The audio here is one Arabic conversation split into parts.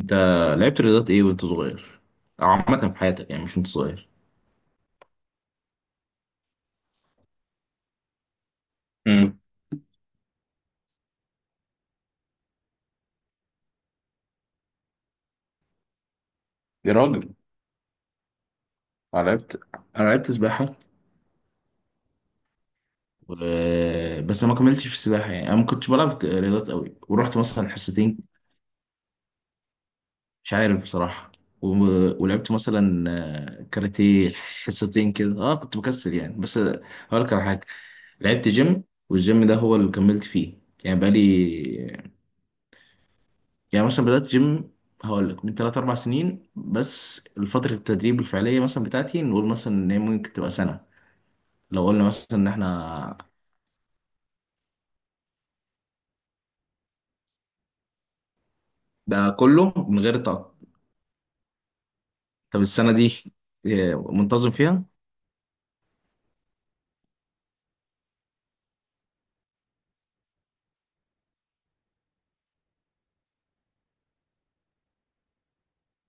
انت لعبت رياضات ايه وانت صغير؟ او عامه في حياتك، يعني مش وانت صغير. امم يا راجل، انا لعبت انا لعبت سباحه و... بس أنا ما كملتش في السباحه، يعني انا ما كنتش بلعب رياضات قوي، ورحت مثلا حصتين. مش عارف بصراحه و... ولعبت مثلا كاراتيه حصتين كده. اه، كنت مكسل يعني، بس هقول لك على حاجه. لعبت جيم، والجيم ده هو اللي كملت فيه. يعني بقالي يعني مثلا بدأت جيم، هقول لك من 3 4 سنين بس. فترة التدريب الفعلية مثلا بتاعتي، نقول مثلا ان هي ممكن تبقى سنة. لو قلنا مثلا ان احنا ده كله من غير تقطع. طب السنة دي منتظم فيها؟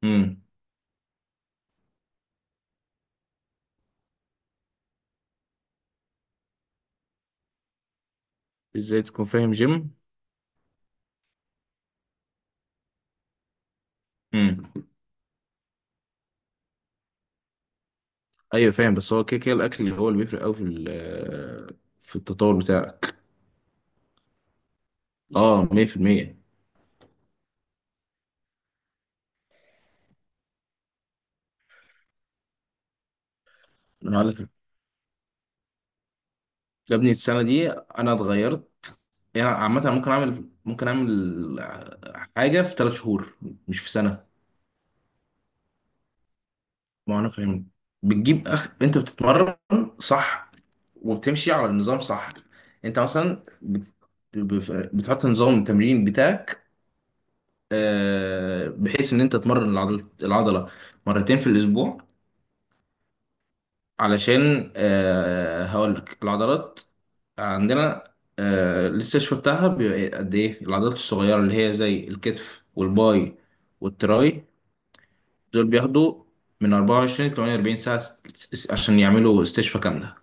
امم ازاي تكون فاهم جيم؟ امم ايوه فاهم، بس هو كده كده الاكل اللي هو اللي بيفرق قوي في التطور بتاعك. اه، 100%. انا هقول لك، يا ابني السنة دي انا اتغيرت، يعني عامة ممكن أعمل، حاجة في 3 شهور مش في سنة. ما أنا فاهم، بتجيب أخ أنت بتتمرن، صح؟ وبتمشي على النظام، صح؟ أنت مثلا بتحط نظام التمرين بتاعك، بحيث إن أنت تمرن العضلة مرتين في الأسبوع، علشان هقول لك العضلات عندنا الاستشفاء بتاعها بيبقى قد إيه. العضلات الصغيرة اللي هي زي الكتف والباي والتراي دول بياخدوا من 24 ل 48 ساعة، عشان يعملوا استشفاء كاملة.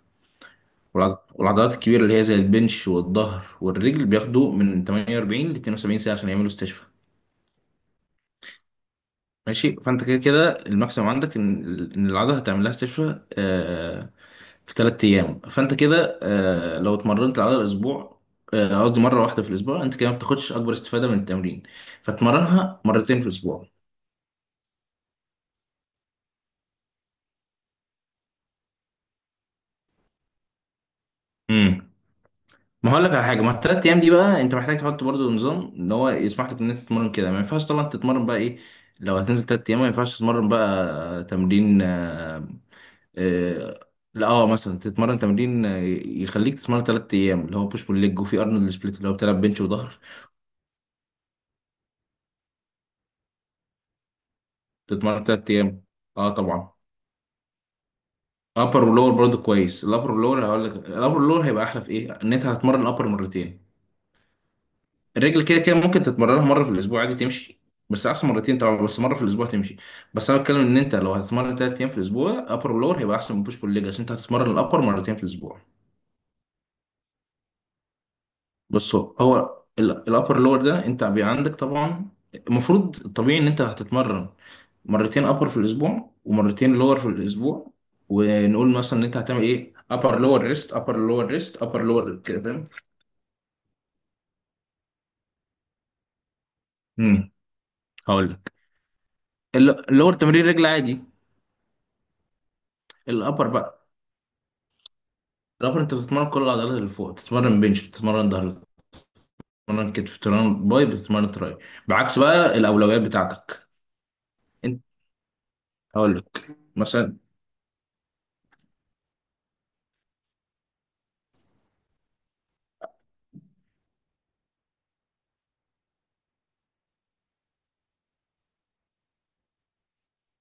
والعضلات الكبيرة اللي هي زي البنش والظهر والرجل بياخدوا من 48 ل 72 ساعة عشان يعملوا استشفاء. ماشي، فأنت كده كده الماكسيمم عندك إن إن العضلة هتعمل لها استشفاء في 3 أيام. فأنت كده لو اتمرنت العضلة أسبوع، قصدي مرة واحدة في الأسبوع، أنت كده ما بتاخدش أكبر استفادة من التمرين، فتمرنها مرتين في الأسبوع. مم. ما هقول لك على حاجه، ما الثلاث ايام دي بقى انت محتاج تحط برضو نظام ان هو يسمح لك ان انت تتمرن كده. ما ينفعش طبعا تتمرن بقى ايه، لو هتنزل 3 ايام ما ينفعش تتمرن بقى تمرين آه، لا، مثلا تتمرن تمرين يخليك تتمرن 3 ايام، اللي هو بوش بول ليج، وفي ارنولد سبليت اللي هو بتلعب بنش وظهر. تتمرن ثلاث ايام، اه طبعا. ابر ولور برضو كويس. الابر ولور هقول لك، الابر ولور هيبقى احلى في ايه، ان انت هتتمرن الابر مرتين. الرجل كده كده ممكن تتمرنها مره في الاسبوع عادي تمشي، بس احسن مرتين طبعا، بس مره في الاسبوع تمشي. بس انا بتكلم ان انت لو هتتمرن 3 ايام في الاسبوع، ابر ولور هيبقى احسن من بوش بول ليج، عشان انت هتتمرن الابر مرتين في الاسبوع. بص، هو الابر لور ده انت بيبقى عندك طبعا، المفروض الطبيعي ان انت هتتمرن مرتين ابر في الاسبوع ومرتين لور في الاسبوع. ونقول مثلا ان انت هتعمل ايه، ابر لور ريست، ابر لور ريست، ابر لور، كده فاهم. امم، هقول لك. اللور تمرين رجل عادي. الابر بقى، رابر انت بتتمرن كل العضلات اللي فوق، بتتمرن بنش، بتتمرن ظهر، بتتمرن كتف، بتتمرن باي، بتتمرن تراي، بعكس بقى الاولويات بتاعتك. انت هقول لك مثلا،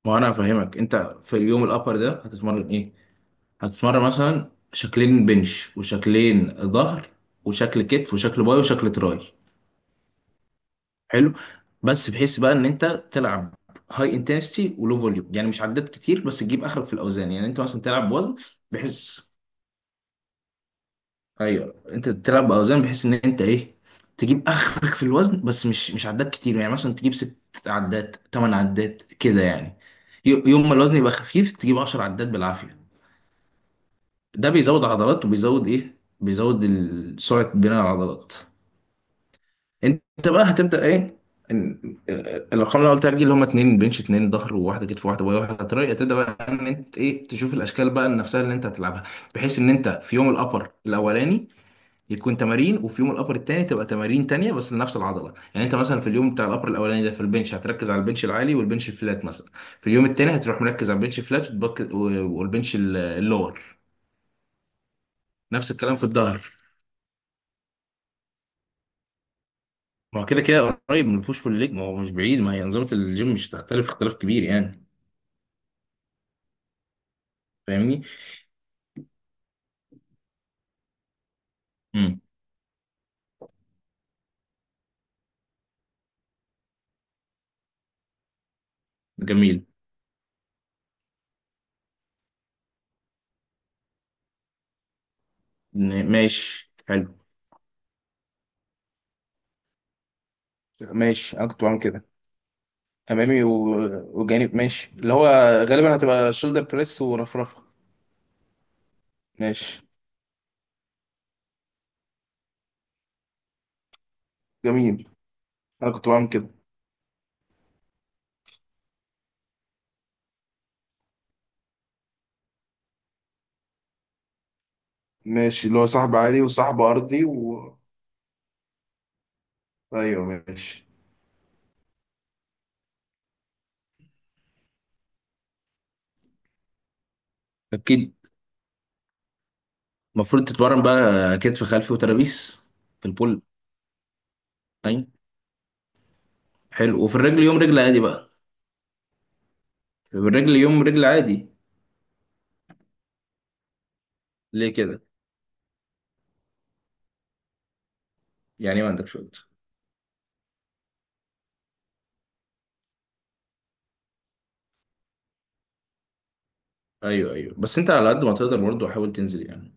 ما هو انا هفهمك. انت في اليوم الابر ده هتتمرن ايه؟ هتتمرن مثلا شكلين بنش وشكلين ظهر وشكل كتف وشكل باي وشكل تراي. حلو. بس بحيث بقى ان انت تلعب هاي انتنستي ولو فوليوم، يعني مش عدات كتير بس تجيب اخرك في الاوزان، يعني انت مثلا تلعب وزن بحيث، ايوه، انت تلعب باوزان بحيث ان انت ايه، تجيب اخرك في الوزن، بس مش عدات كتير، يعني مثلا تجيب 6 عدات 8 عدات كده يعني. يوم ما الوزن يبقى خفيف تجيب 10 عدات بالعافيه. ده بيزود عضلات وبيزود ايه، بيزود سرعه بناء العضلات. انت بقى هتبدا ايه، إن- الارقام اللي قلت لك دي، اللي هم اتنين بنش اتنين ظهر وواحده كتف واحده باي واحده تراي، هتبدا بقى ان انت ايه، تشوف الاشكال بقى نفسها اللي انت هتلعبها، بحيث ان انت في يوم الابر الاولاني يكون تمارين، وفي يوم الابر التاني تبقى تمارين تانية بس لنفس العضله، يعني انت مثلا في اليوم بتاع الابر الاولاني ده في البنش هتركز على البنش العالي والبنش الفلات مثلا، في اليوم التاني هتروح مركز على البنش الفلات، والبنش اللور. نفس الكلام في الظهر. ما هو كده كده قريب من البوش بول ليج، ما هو مش بعيد، ما هي انظمه الجيم مش هتختلف اختلاف كبير يعني. فاهمني؟ امم. جميل. ن- ماشي، حلو. ماشي، انا كنت بعمل كده. امامي وجانب، ماشي، اللي هو غالبا هتبقى شولدر بريس ورفرفه. ماشي. جميل. انا كنت بعمل كده. ماشي، اللي هو صاحب عالي وصاحب أرضي و... أيوه ماشي. اكيد. المفروض تتمرن بقى كتف خلفي وترابيس. في البول، ايوه. حلو، وفي الرجل يوم رجل عادي بقى. في الرجل يوم رجل عادي. ليه كده؟ يعني ما عندكش وقت؟ ايوه ايوه، بس انت على قد ما تقدر برضه حاول تنزل يعني.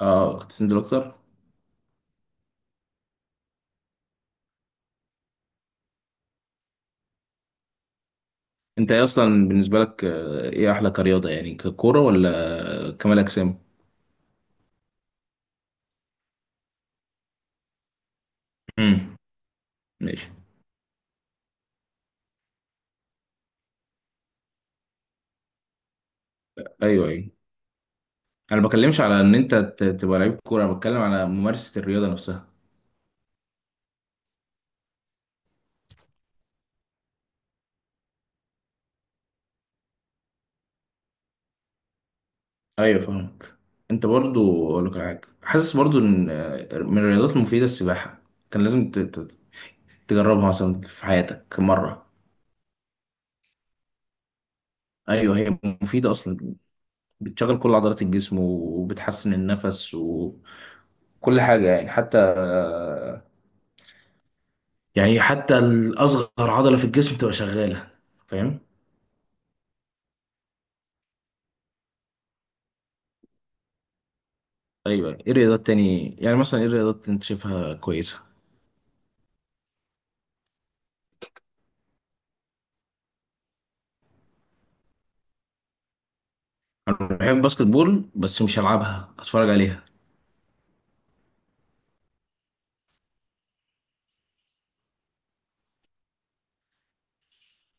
اه، تنزل اكتر. انت إيه اصلا بالنسبه لك ايه احلى كرياضه، يعني ككوره ولا كمال اجسام؟ امم. ماشي. ايوه ايوه، انا ما بكلمش على ان انت تبقى لعيب كوره، انا بتكلم على ممارسه الرياضه نفسها. ايوه فاهمك. انت برضو اقول لك على حاجه، حاسس برضو ان من الرياضات المفيده السباحه، كان لازم تجربها مثلا في حياتك مره. ايوه هي مفيده اصلا، بتشغل كل عضلات الجسم وبتحسن النفس وكل حاجه يعني، حتى يعني حتى الاصغر عضله في الجسم تبقى شغاله، فاهم. ايوه، ايه الرياضات تاني يعني، مثلا ايه الرياضات انت شايفها كويسه؟ انا بحب الباسكت بول، بس مش هلعبها، اتفرج عليها.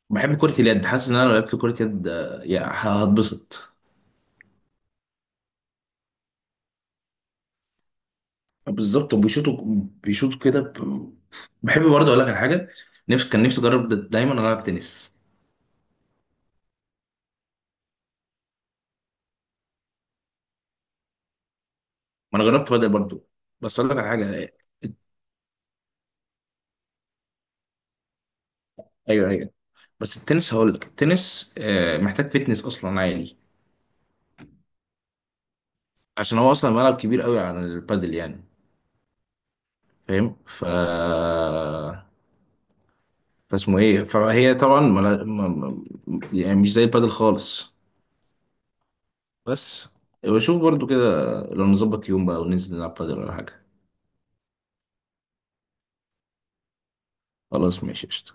بحب كرة اليد، حاسس ان انا لو لعبت كرة يد يعني هتبسط. بالظبط، وبيشوطوا، بيشوطوا كده ب... بحب برضه اقول لك على حاجة، نفسي، كان نفسي اجرب دايما العب تنس. ما انا جربت بدل برضه. بس اقول لك على حاجة، ايوه ايوه، بس التنس هقول لك، التنس محتاج فتنس اصلا عالي، عشان هو اصلا ملعب كبير قوي عن البادل يعني، فاهم؟ ف فاسمه ايه، فهي طبعا يعني مش زي البادل خالص. بس، وشوف برضو كده، لو نظبط يوم بقى وننزل نلعب بدل ولا حاجة. خلاص ماشي، قشطة.